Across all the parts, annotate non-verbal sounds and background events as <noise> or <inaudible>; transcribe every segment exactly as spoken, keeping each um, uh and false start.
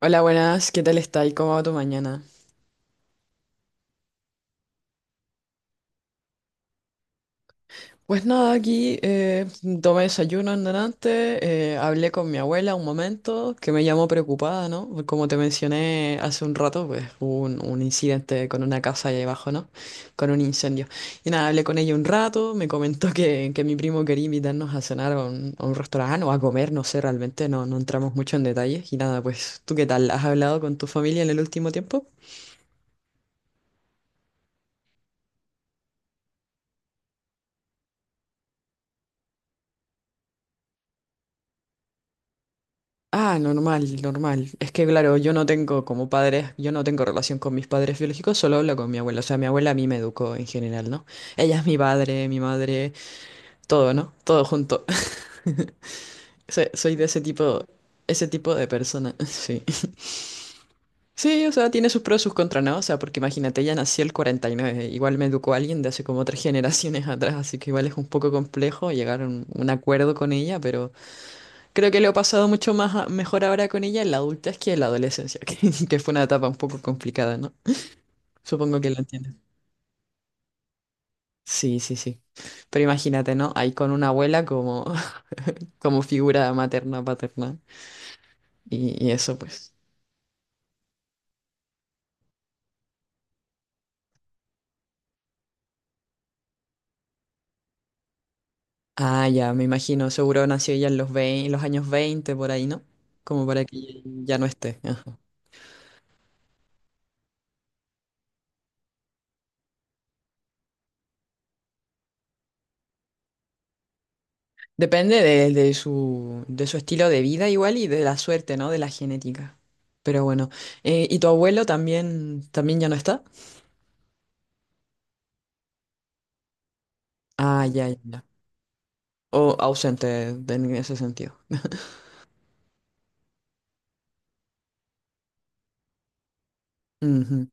Hola, buenas, ¿qué tal está y cómo va tu mañana? Pues nada, aquí eh, tomé desayuno en delante, eh, hablé con mi abuela un momento, que me llamó preocupada, ¿no? Como te mencioné hace un rato, pues hubo un, un incidente con una casa ahí abajo, ¿no? Con un incendio. Y nada, hablé con ella un rato, me comentó que, que mi primo quería invitarnos a cenar a un, a un restaurante o a comer, no sé, realmente no, no entramos mucho en detalles. Y nada, pues, ¿tú qué tal? ¿Has hablado con tu familia en el último tiempo? Ah, normal, normal. Es que claro, yo no tengo como padres, yo no tengo relación con mis padres biológicos, solo hablo con mi abuela. O sea, mi abuela a mí me educó en general, ¿no? Ella es mi padre, mi madre, todo, ¿no? Todo junto. <laughs> Soy soy de ese tipo, ese tipo de persona, <laughs> sí. Sí, o sea, tiene sus pros y sus contras, ¿no? O sea, porque imagínate, ella nació el cuarenta y nueve, igual me educó alguien de hace como tres <laughs> generaciones atrás, así que igual es un poco complejo llegar a un, un acuerdo con ella, pero creo que lo he pasado mucho más a- mejor ahora con ella en la adultez que en la adolescencia, <laughs> que, que fue una etapa un poco complicada, ¿no? Supongo que lo entiendes. Sí, sí, sí. Pero imagínate, ¿no? Ahí con una abuela como, <laughs> como figura materna, paterna. Y, y eso, pues. Ah, ya, me imagino. Seguro nació ella en los veinte, los años veinte por ahí, ¿no? Como para que ya no esté. Ajá. Depende de, de su, de su estilo de vida igual y de la suerte, ¿no? De la genética. Pero bueno. Eh, ¿y tu abuelo también, también ya no está? Ah, ya, ya. Ya. O ausente de- en ese sentido. Ujú.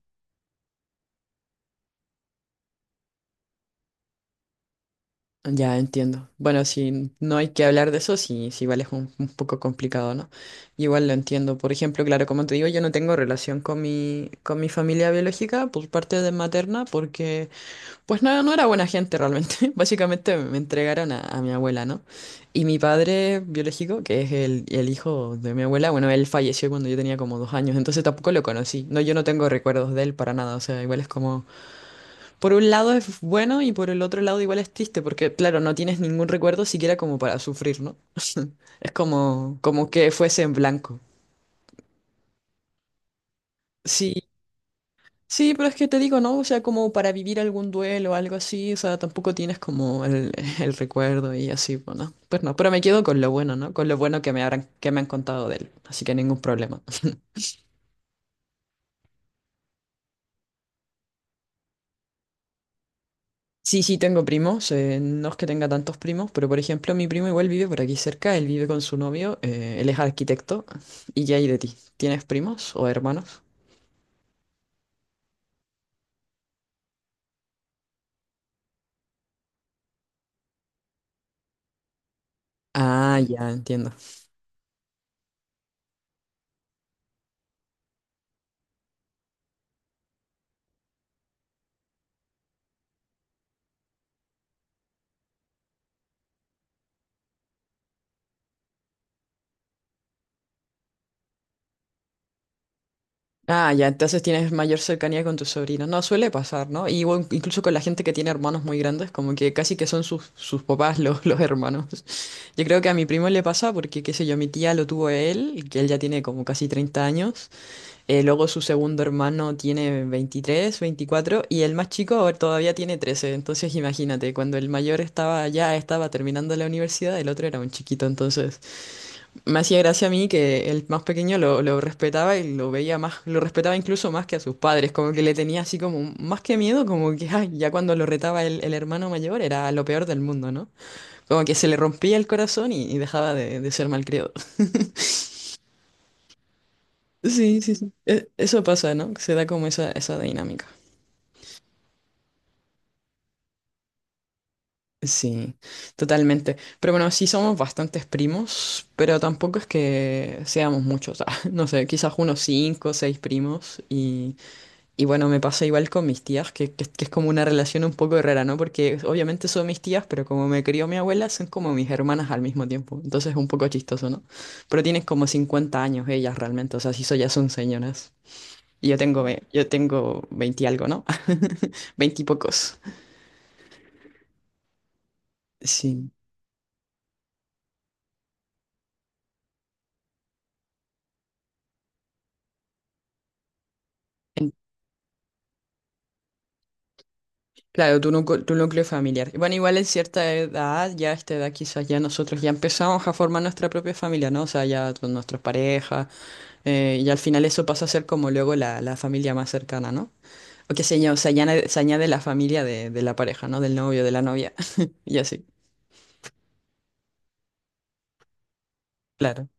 Ya entiendo. Bueno, si no hay que hablar de eso, sí, sí, vale, es un, un poco complicado, ¿no? Igual lo entiendo. Por ejemplo, claro, como te digo, yo no tengo relación con mi, con mi familia biológica por parte de materna, porque, pues no, no era buena gente realmente. <laughs> Básicamente me entregaron a, a mi abuela, ¿no? Y mi padre biológico, que es el, el hijo de mi abuela, bueno, él falleció cuando yo tenía como dos años, entonces tampoco lo conocí. No, yo no tengo recuerdos de él para nada, o sea, igual es como. Por un lado es bueno y por el otro lado igual es triste, porque claro, no tienes ningún recuerdo siquiera como para sufrir, ¿no? <laughs> Es como, como que fuese en blanco. Sí, sí, pero es que te digo, ¿no? O sea, como para vivir algún duelo o algo así, o sea, tampoco tienes como el, <laughs> el recuerdo y así, bueno, pues no, pero me quedo con lo bueno, ¿no? Con lo bueno que me habrán, que me han contado de él, así que ningún problema. Sí, sí, tengo primos. Eh, no es que tenga tantos primos, pero por ejemplo, mi primo igual vive por aquí cerca. Él vive con su novio. Eh, él es arquitecto. ¿Y qué hay de ti? ¿Tienes primos o hermanos? Ah, ya, entiendo. Ah, ya, entonces tienes mayor cercanía con tus sobrinos. No, suele pasar, ¿no? Y bueno, incluso con la gente que tiene hermanos muy grandes, como que casi que son sus, sus papás <laughs> los, los hermanos. <laughs> Yo creo que a mi primo le pasa porque, qué sé yo, mi tía lo tuvo él, que él ya tiene como casi treinta años. Eh, luego su segundo hermano tiene veintitrés, veinticuatro y el más chico ahora todavía tiene trece. Entonces imagínate, cuando el mayor estaba ya estaba terminando la universidad, el otro era un chiquito. Entonces me hacía gracia a mí que el más pequeño lo, lo respetaba y lo veía más, lo respetaba incluso más que a sus padres, como que le tenía así como un- más que miedo, como que ay, ya cuando lo retaba el, el hermano mayor era lo peor del mundo, ¿no? Como que se le rompía el corazón y, y dejaba de, de ser malcriado. <laughs> Sí, sí, sí. E- Eso pasa, ¿no? Se da como esa, esa dinámica. Sí, totalmente. Pero bueno, sí somos bastantes primos, pero tampoco es que seamos muchos. <laughs> Ah, no sé, quizás unos cinco o seis primos. Y, y bueno, me pasa igual con mis tías, que, que, que es como una relación un poco rara, ¿no? Porque obviamente son mis tías, pero como me crió mi abuela, son como mis hermanas al mismo tiempo. Entonces es un poco chistoso, ¿no? Pero tienen como cincuenta años ellas realmente, o sea, sí, so- ya son señoras. Y yo tengo, ve- yo tengo veinte y algo, ¿no? <laughs> veinte y pocos. Sí. Claro, tu, núcleo tu núcleo familiar. Y bueno, igual en cierta edad, ya a esta edad quizás ya nosotros ya empezamos a formar nuestra propia familia, ¿no? O sea, ya con nuestras parejas, eh, y al final eso pasa a ser como luego la, la familia más cercana, ¿no? O que se, aña- se añade, se añade la familia de, de la pareja, ¿no? Del novio, de la novia, <laughs> y así, claro.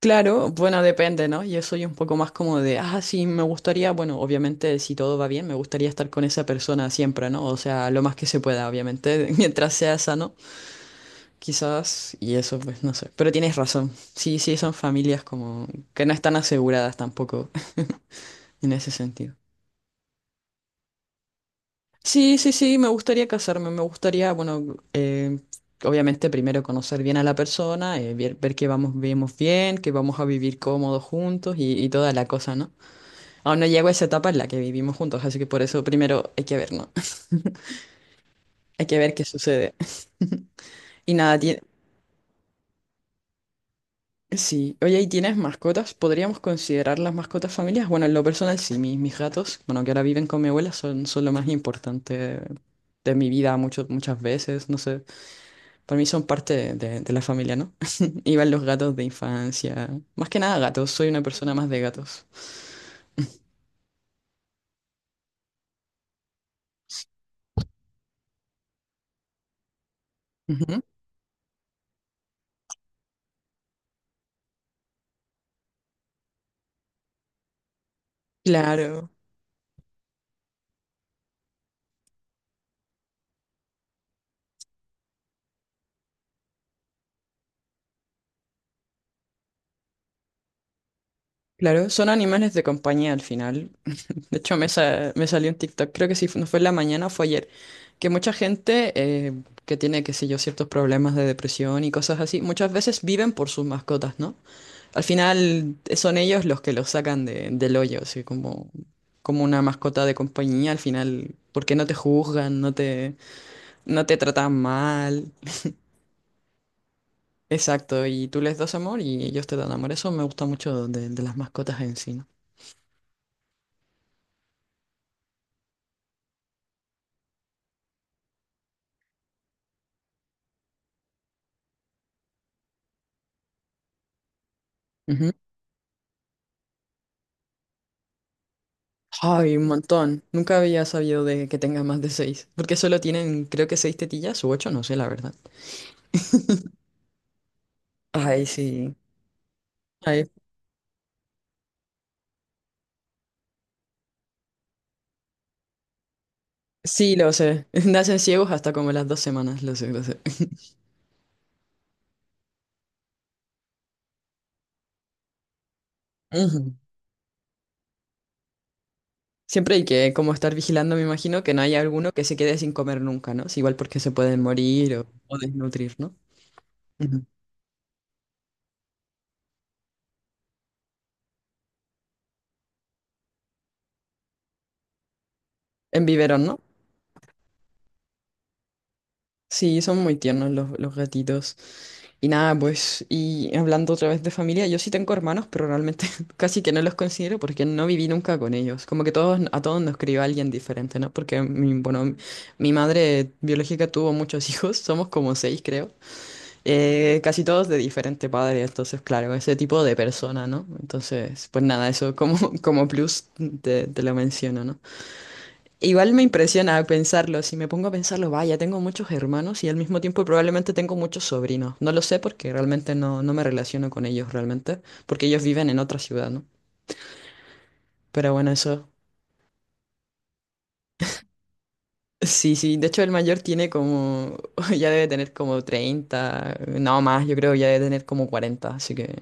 Claro, bueno, depende, ¿no? Yo soy un poco más como de, ah, sí, me gustaría, bueno, obviamente si todo va bien, me gustaría estar con esa persona siempre, ¿no? O sea, lo más que se pueda, obviamente, <laughs> mientras sea sano. Quizás, y eso pues no sé. Pero tienes razón. Sí, sí, son familias como que no están aseguradas tampoco <laughs> en ese sentido. Sí, sí, sí, me gustaría casarme. Me gustaría, bueno, eh, obviamente primero conocer bien a la persona, eh, ver, ver que vamos, vivimos bien, que vamos a vivir cómodos juntos y, y toda la cosa, ¿no? Aún no llego a esa etapa en la que vivimos juntos, así que por eso primero hay que ver, ¿no? <laughs> Hay que ver qué sucede. <laughs> Y nada, ti- sí, oye, ¿y tienes mascotas? ¿Podríamos considerar las mascotas familias? Bueno, en lo personal sí, mis, mis gatos, bueno, que ahora viven con mi abuela, son, son lo más importante de mi vida mucho- muchas veces, no sé, para mí son parte de, de la familia, ¿no? <laughs> Iban los gatos de infancia, más que nada gatos, soy una persona más de gatos. Ujú. Claro, claro, son animales de compañía al final. De hecho, me, sa- me salió en TikTok, creo que si fu- no fue en la mañana o fue ayer, que mucha gente eh, que tiene, qué sé yo, ciertos problemas de depresión y cosas así, muchas veces viven por sus mascotas, ¿no? Al final eh, son ellos los que los sacan de- del hoyo, así como, como una mascota de compañía, al final, porque no te juzgan, no te, no te tratan mal, exacto, y tú les das amor y ellos te dan amor. Eso me gusta mucho de, de las mascotas en sí, ¿no? Ay, un montón. Nunca había sabido de que tenga más de seis. Porque solo tienen, creo que seis tetillas o ocho, no sé, la verdad. Ay, sí. Ay, sí, lo sé. <laughs> Nacen ciegos hasta como las dos semanas, lo sé, lo sé. <laughs> Ujú. Siempre hay que como estar vigilando, me imagino, que no haya alguno que se quede sin comer nunca, ¿no? Es igual porque se pueden morir o, o desnutrir, ¿no? Ujú. En biberón, ¿no? Sí, son muy tiernos los, los gatitos. Y nada, pues, y hablando otra vez de familia, yo sí tengo hermanos, pero realmente <laughs> casi que no los considero porque no viví nunca con ellos. Como que todos, a todos nos crió alguien diferente, ¿no? Porque, mi, bueno, mi madre biológica tuvo muchos <laughs> hijos, somos como seis, creo. Eh, casi todos de diferente padre, entonces, claro, ese tipo de persona, ¿no? Entonces, pues nada, eso como, <laughs> como plus te, te lo menciono, ¿no? Igual me impresiona pensarlo, si me pongo a pensarlo, vaya, tengo muchos hermanos y al mismo tiempo probablemente tengo muchos sobrinos. No lo sé porque realmente no, no me relaciono con ellos realmente, porque ellos viven en otra ciudad, ¿no? Pero bueno, eso. Sí, sí, de hecho el mayor tiene como, <laughs> ya debe tener como treinta, no más, yo creo ya debe tener como cuarenta. así que,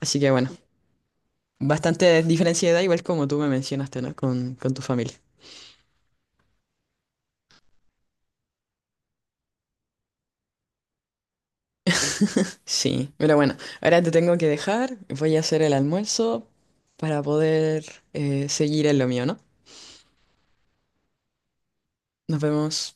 así que bueno, bastante diferencia de edad, igual como tú me mencionaste, ¿no? Con, con tu familia. Sí, pero bueno, ahora te tengo que dejar, voy a hacer el almuerzo para poder eh, seguir en lo mío, ¿no? Nos vemos.